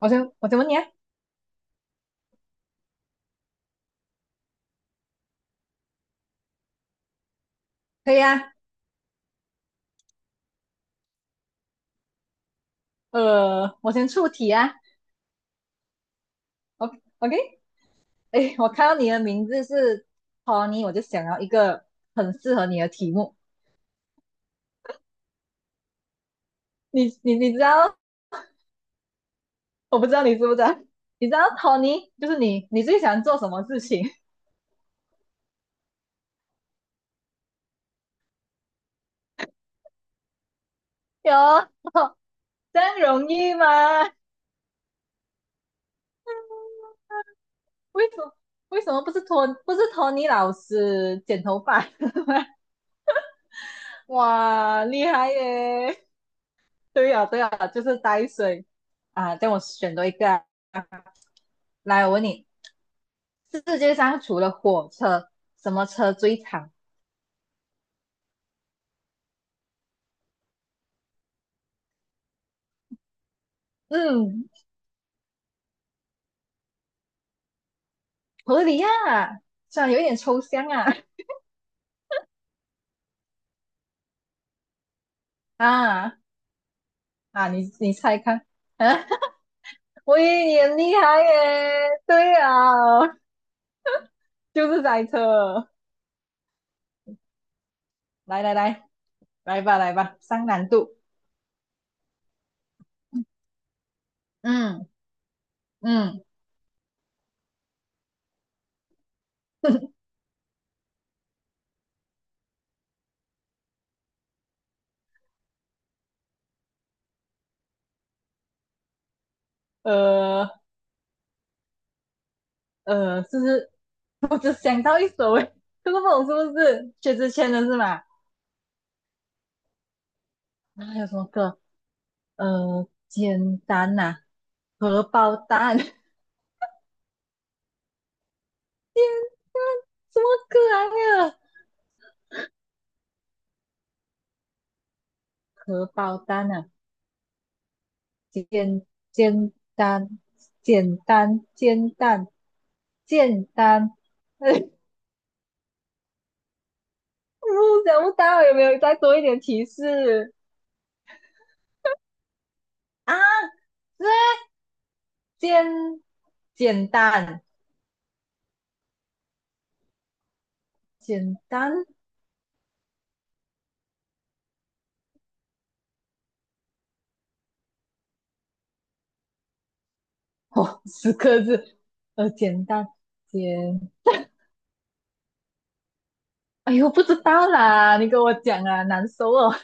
我先问你啊。可以啊。我先出题啊。OK OK。哎，我看到你的名字是 Tony，我就想要一个很适合你的题目。你知道，我不知道你知不知道，你知道 Tony 就是你，你最想做什么事情？有 这样容易吗？为什么为什么不是Tony 老师剪头发？哇，厉害耶！对呀、对呀、就是呆水啊，这样我选多一个啊。来，我问你，世界上除了火车，什么车最长？嗯，合理呀、啊虽然有一点抽象啊。啊啊，你你猜看。啊，我以为你很厉害耶，对啊，就是赛车。来来来，来吧来吧，上难度。嗯嗯，呃是不是？我只想到一首诶，这个不懂是不是薛之谦的是吗？啊，还有什么歌？简单呐、荷包蛋，什么可爱啊？荷包蛋呐、啊简简单，简单，煎蛋，简单。哎，我想不到有没有再多一点提示啊？这简简单，简单，哦，十个字，简单，简，哎呦，不知道啦，你跟我讲啊，难受哦，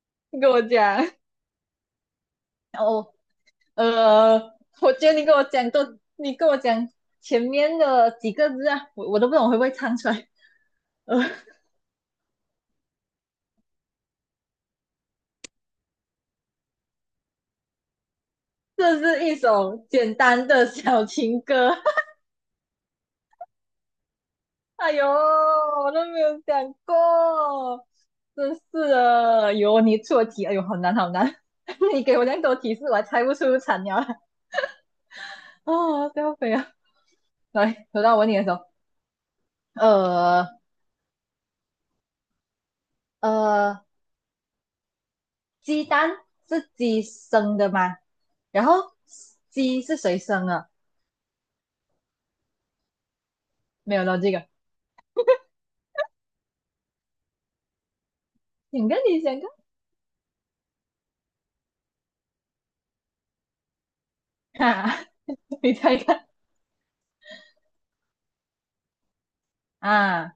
你跟我讲。呃，我觉得你跟我讲多，你跟我讲前面的几个字啊，我都不懂会不会唱出来。呃，这是一首简单的小情歌。哎呦，我都没有讲过，真是的。有你出题，哎呦，好难好难。你给我那么多提示，我还猜不出惨鸟啊，哦，掉飞啊！来，轮到我问你的时候，呃呃，鸡蛋是鸡生的吗？然后鸡是谁生的？没有到这个，想跟你想看啊，你猜看啊，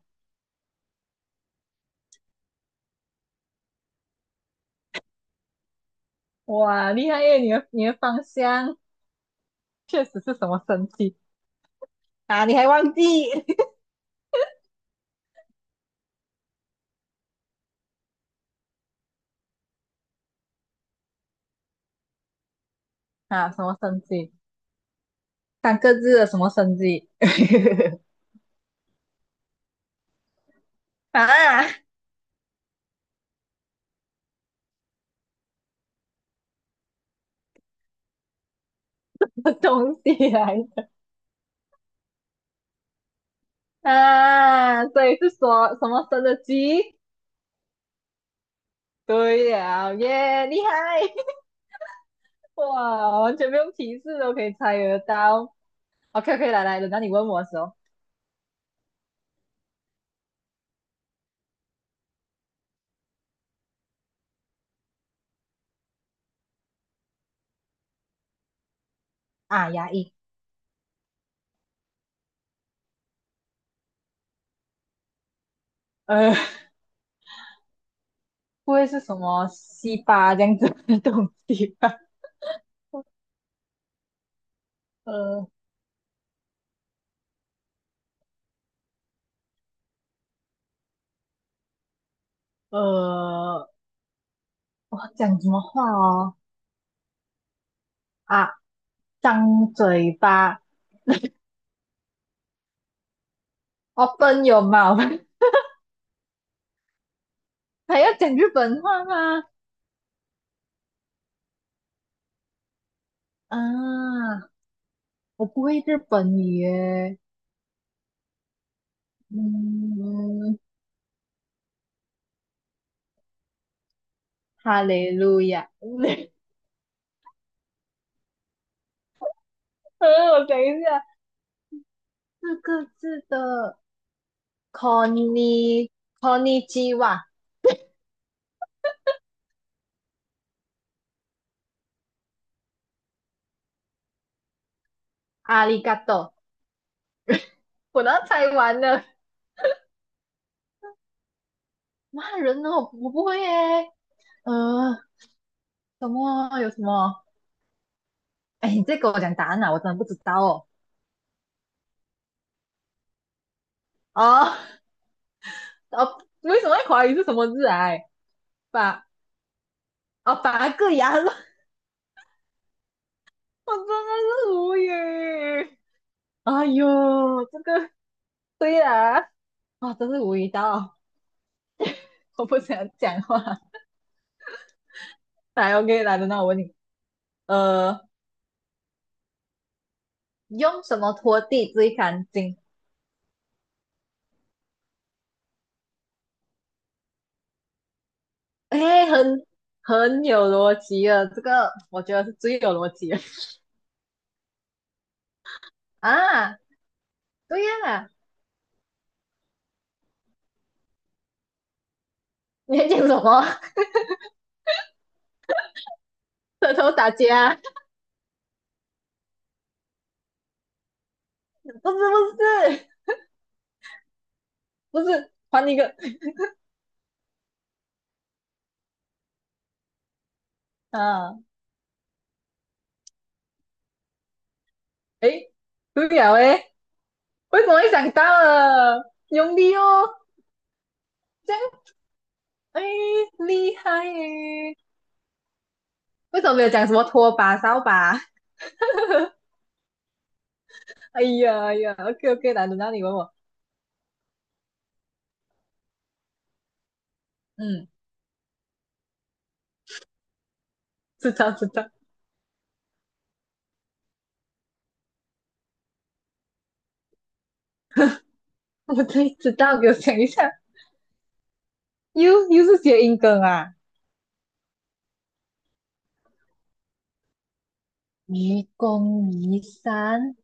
哇，厉害耶！你的方向确实是什么生机啊？你还忘记啊？什么生机？3个字的什么生机 啊？东西来啊！所以是说什么生的鸡？对了耶，厉害！哇，完全不用提示都可以猜得到。OK OK,来来，轮到你问我的时候啊，压抑。呃，不会是什么西巴这样子的东西吧？呃呃，我讲什么话哦？啊，张嘴巴，open your mouth,还要讲日本话吗？啊，我不会日本语耶。嗯，哈利路亚。呃，我想一下，4个字的 c o n n i c o n i c h i w a 阿里嘎多，我都猜完了。骂人哦，我不会耶。呃，什么啊？有什么？哎，你再给我讲答案啊，我真的不知道哦。啊，哦，为什么会怀疑是什么字癌？哎八啊，八个牙肉，我真的是无语。哎呦，这个对啦，啊，真是无语到我不想讲话。来，OK,来，等到我问你，呃，用什么拖地最干净？哎，很有逻辑的，这个我觉得是最有逻辑的啊。对呀，你在讲什么？舌头打架，不是不是，还一个。啊，诶，对了诶，为什么会想到了？用力哦，这样诶，厉害诶。为什么没有讲什么拖把、扫把？哎呀哎呀，OK OK,难轮到你问我。嗯，知道知道，我真知道，给我讲一下，又是谐音梗啊。愚公移山，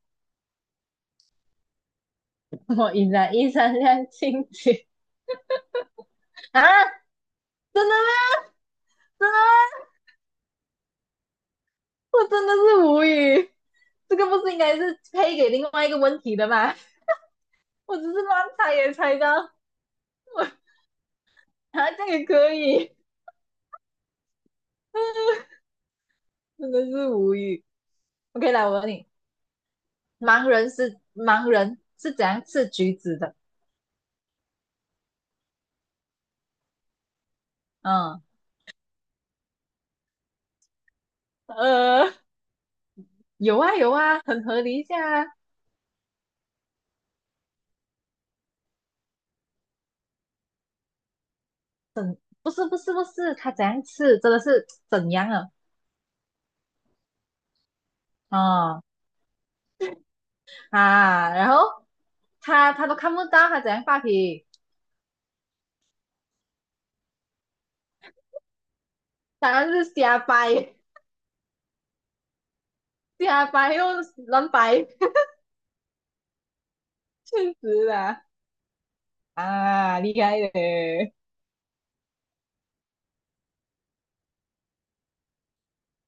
我依然依山亮晶晶啊！真的吗？真的吗？我真的是无语，这个不是应该是配给另外一个问题的吗？我只是乱猜也猜到，我啊这样也可以，真的是无语。OK,来我问你，盲人是怎样吃橘子的？嗯呃，有啊有啊，很合理一下啊。不是不是不是，他怎样吃真的是怎样啊？哦啊，然后他都看不到他怎样发脾当然是瞎掰瞎掰又乱掰。确实啦，啊，厉害耶。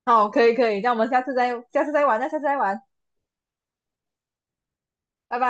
好，可以可以，那我们下次再下次再玩，那下次再玩，拜拜。